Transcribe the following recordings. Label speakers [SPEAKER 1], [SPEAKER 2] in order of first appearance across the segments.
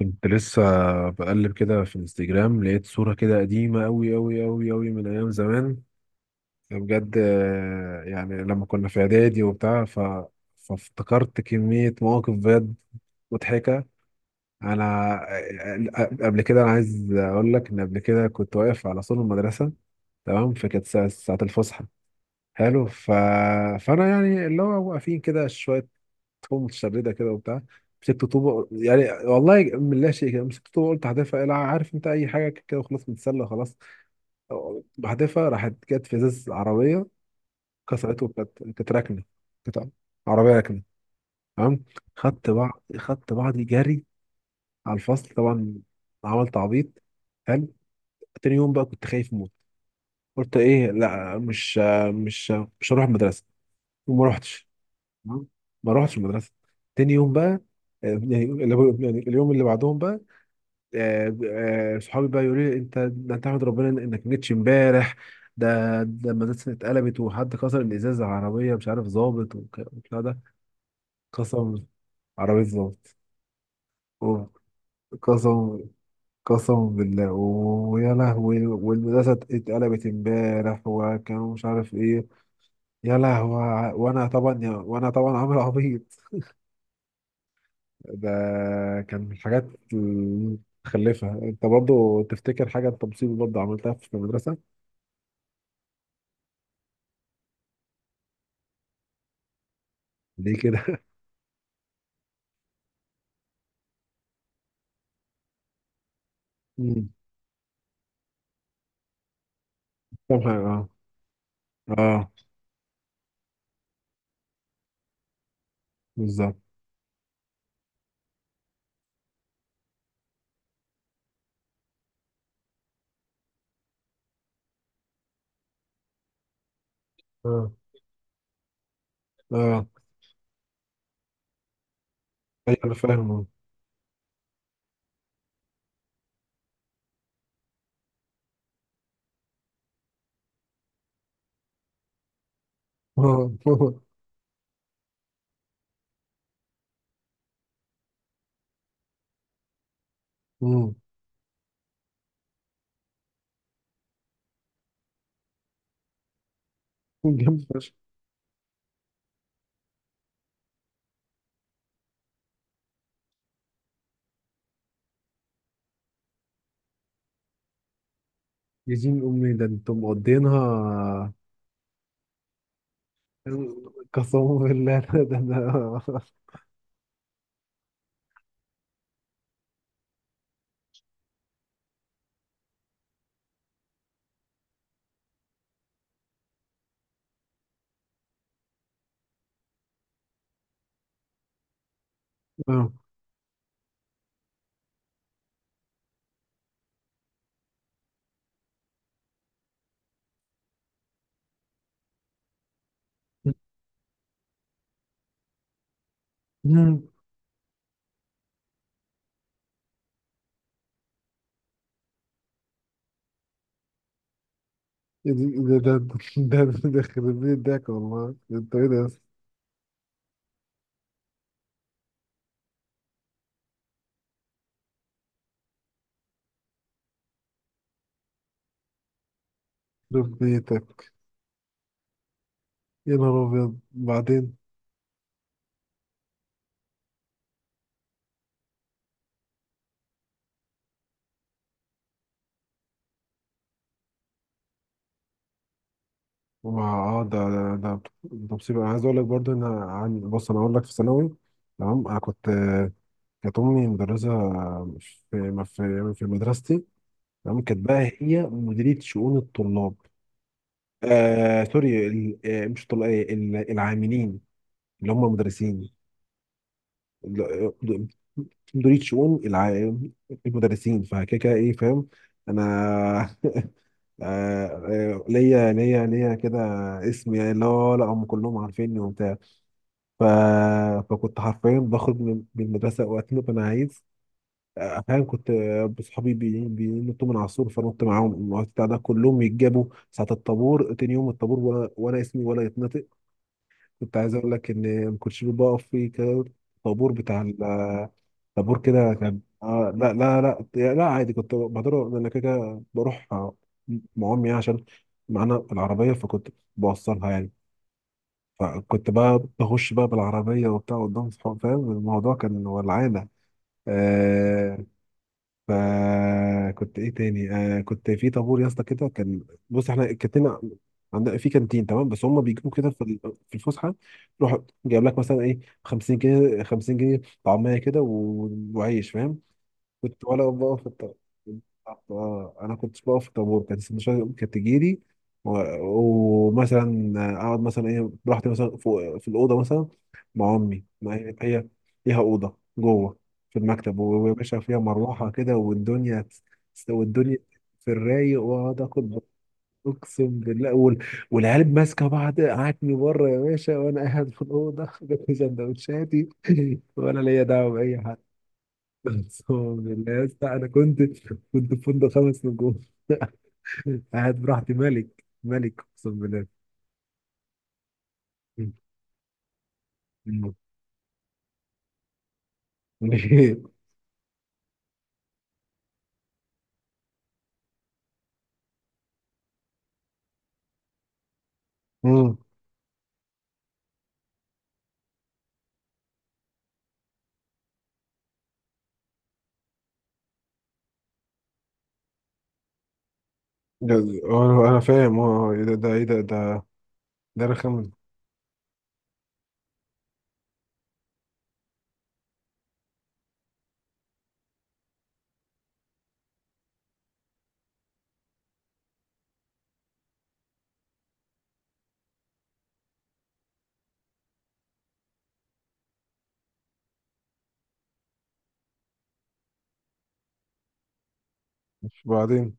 [SPEAKER 1] كنت لسه بقلب كده في الانستجرام، لقيت صورة كده قديمة أوي أوي أوي أوي من أيام زمان بجد. يعني لما كنا في إعدادي وبتاع فافتكرت كمية مواقف بجد مضحكة. أنا آه، آه، قبل كده أنا عايز أقول لك إن قبل كده كنت واقف على سور المدرسة، تمام، فكانت ساعة الفسحة. حلو. فانا يعني اللي هو واقفين كده شويه، تكون متشرده كده وبتاع، مسكت طوبه يعني، والله من لا شيء كده، مسكت طوبه قلت هحذفها عارف انت اي حاجه كده، وخلاص متسلى خلاص، بحذفها، راحت جت في ازاز عربيه كسرته، وكانت راكنه، كانت عربيه راكنه، تمام، خدت بعضي جري على الفصل طبعا، عملت عبيط. حلو. تاني يوم بقى كنت خايف موت، قلت ايه، لا مش مش هروح المدرسه، وما رحتش. مم. ما روحتش المدرسه تاني يوم بقى، آه، يعني يعني اليوم اللي بعدهم بقى. آه، صحابي بقى يقولوا لي، انت ده انت احمد، ربنا انك ما جيتش امبارح، ده ده المدرسه اتقلبت، وحد كسر الازاز على عربيه مش عارف ظابط والبتاع ده. قسم. عربيه ظابط. قسم. قسم بالله، ويا لهوي، والمدرسه اتقلبت امبارح وكانوا مش عارف ايه، يا لهوي، وانا طبعا عامل عبيط. ده كان من الحاجات المتخلفة. انت برضو تفتكر حاجة انت مصيبة برضو عملتها في المدرسة؟ ليه كده؟ مم. فاهم حاجة. اه. اه بالظبط. اه، اه، ايوه انا فاهم، اه. اه. آه. مم. جامد فشخ. يا دين امي، ده انتم مقضينها. قسما بالله اه. مم. يا دين- ده ده ده خرب بيت ضحك، والله انت ايه ده؟ يخرب بيتك. يا نهار ابيض. بعدين ما اه، ده مصيبة. عايز اقول لك برضو ان بص، انا اقول لك في ثانوي، تمام، انا كنت، كانت امي مدرسة، في ما في في مدرستي، تمام، كانت بقى هي مديرية شؤون الطلاب. آه سوري، مش طلاب، العاملين اللي هم مدرسين، مديرية شؤون المدرسين، فكده كده ايه، فاهم. انا آه، آه، ليا كده اسم يعني، لا لا، هم كلهم عارفيني وبتاع. ف... فكنت حرفيا بخرج من المدرسة وقت ما أنا عايز. أحيانا كنت بصحابي بينطوا من على السور، فنط معاهم، الوقت بتاع ده كلهم يتجابوا ساعة الطابور تاني يوم، الطابور ولا اسمي ولا يتنطق. كنت عايز أقول لك إن ما كنتش بقف في كده، طابور بتاع طابور كده كان، لا، لا. لا لا عادي، كنت بقدر أنا كده كده بروح، مع أمي عشان معانا العربية، فكنت بوصلها يعني، فكنت بقى بخش بقى بالعربية وبتاع قدام صحابي، فاهم، الموضوع كان ولعانة. آه. فكنت ايه تاني، كنت في طابور يا اسطى كده كان. بص، احنا كانتنا عندنا في كانتين، تمام، بس هم بيجيبوا كده في الفسحة، يروح جايب لك مثلا ايه 50 جنيه 50 جنيه طعمية كده وعيش، فاهم. كنت وانا بقف في الطابور، اه انا كنت بقف في الطابور، كانت السندوتشات كانت تجيلي، ومثلا اقعد مثلا ايه براحتي مثلا فوق في الاوضه مثلا مع امي، ما هي هي ليها اوضه جوه في المكتب، ويا باشا فيها مروحه كده، والدنيا في الرايق، واقعد اخد، اقسم بالله، والعيال ماسكه بعض قعدتني بره يا باشا، وانا قاعد في الاوضه جنب سندوتشاتي ولا ليا دعوه باي حاجه. اقسم بالله يا اسطى انا كنت في فندق خمس نجوم قاعد براحتي، ملك ملك، اقسم بالله. مم. مم. مم. انا فاهم، اه، إيه ده. ده رخم. وبعدين.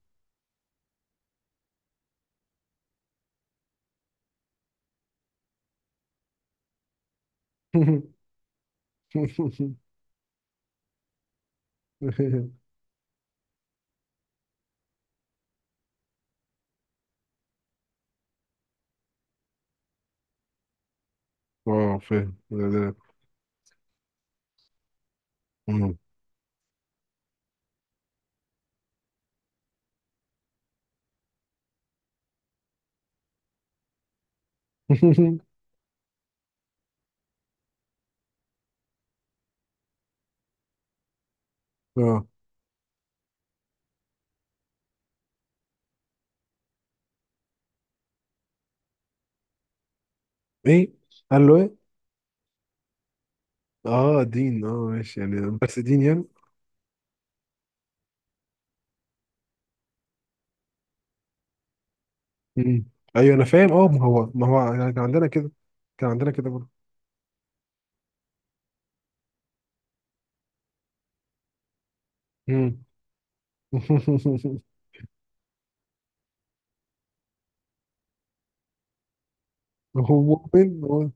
[SPEAKER 1] اه، فاهم، ده. مم. اه، ايه، قال له ايه؟ اه، دين، اه ماشي يعني، بس دين يعني. مم. ايوه انا فاهم، اه، ما هو يعني، كان عندنا كده، كان عندنا كده برضه. مم. هو مؤمن هو.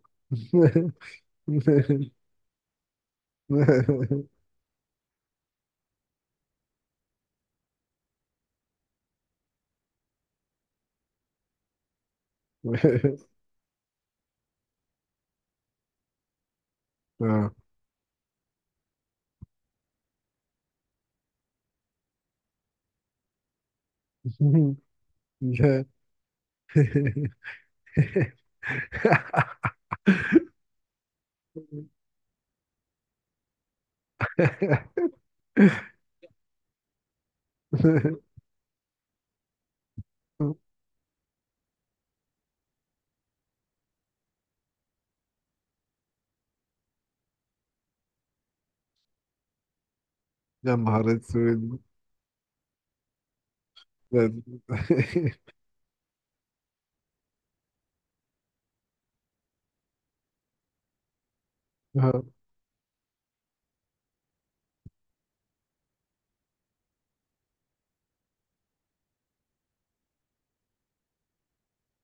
[SPEAKER 1] آه. لا. يا نهار اسود. لا. آه.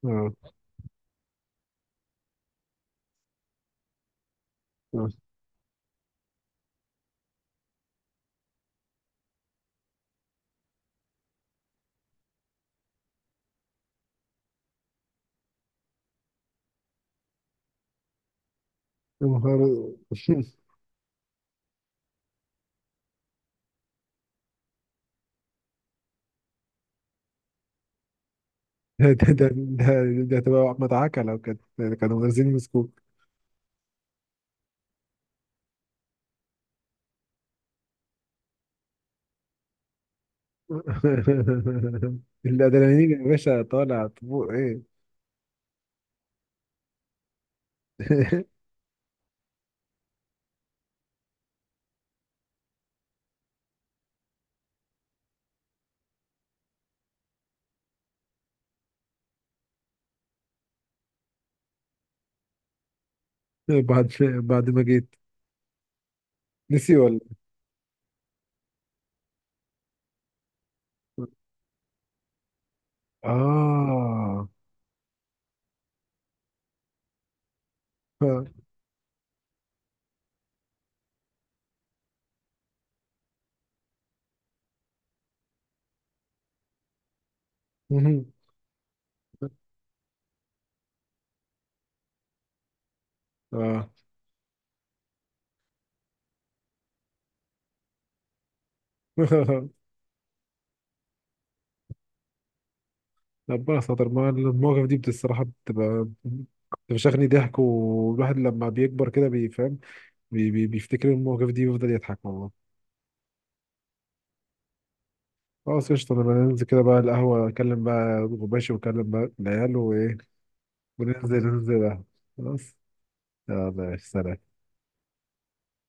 [SPEAKER 1] آه. آه. يا نهار اسود. ده ده ده ده تبقى احمد عكا، لو كانت كانوا منزلين مسكوك. الادرينالين يا باشا طالع طبوع ايه. بعد ما جيت، نسي ولا؟ اه. آه. مهم. اه. ربنا ستر ما المواقف دي الصراحه بتبقى بتفشخني ضحك، والواحد لما بيكبر كده بيفهم، بي بي بيفتكر المواقف دي ويفضل يضحك والله. خلاص قشطة، أنا بننزل كده بقى القهوة، أكلم بقى غباشي وأكلم بقى العيال وإيه، وننزل القهوة. خلاص. يلا يا سلام.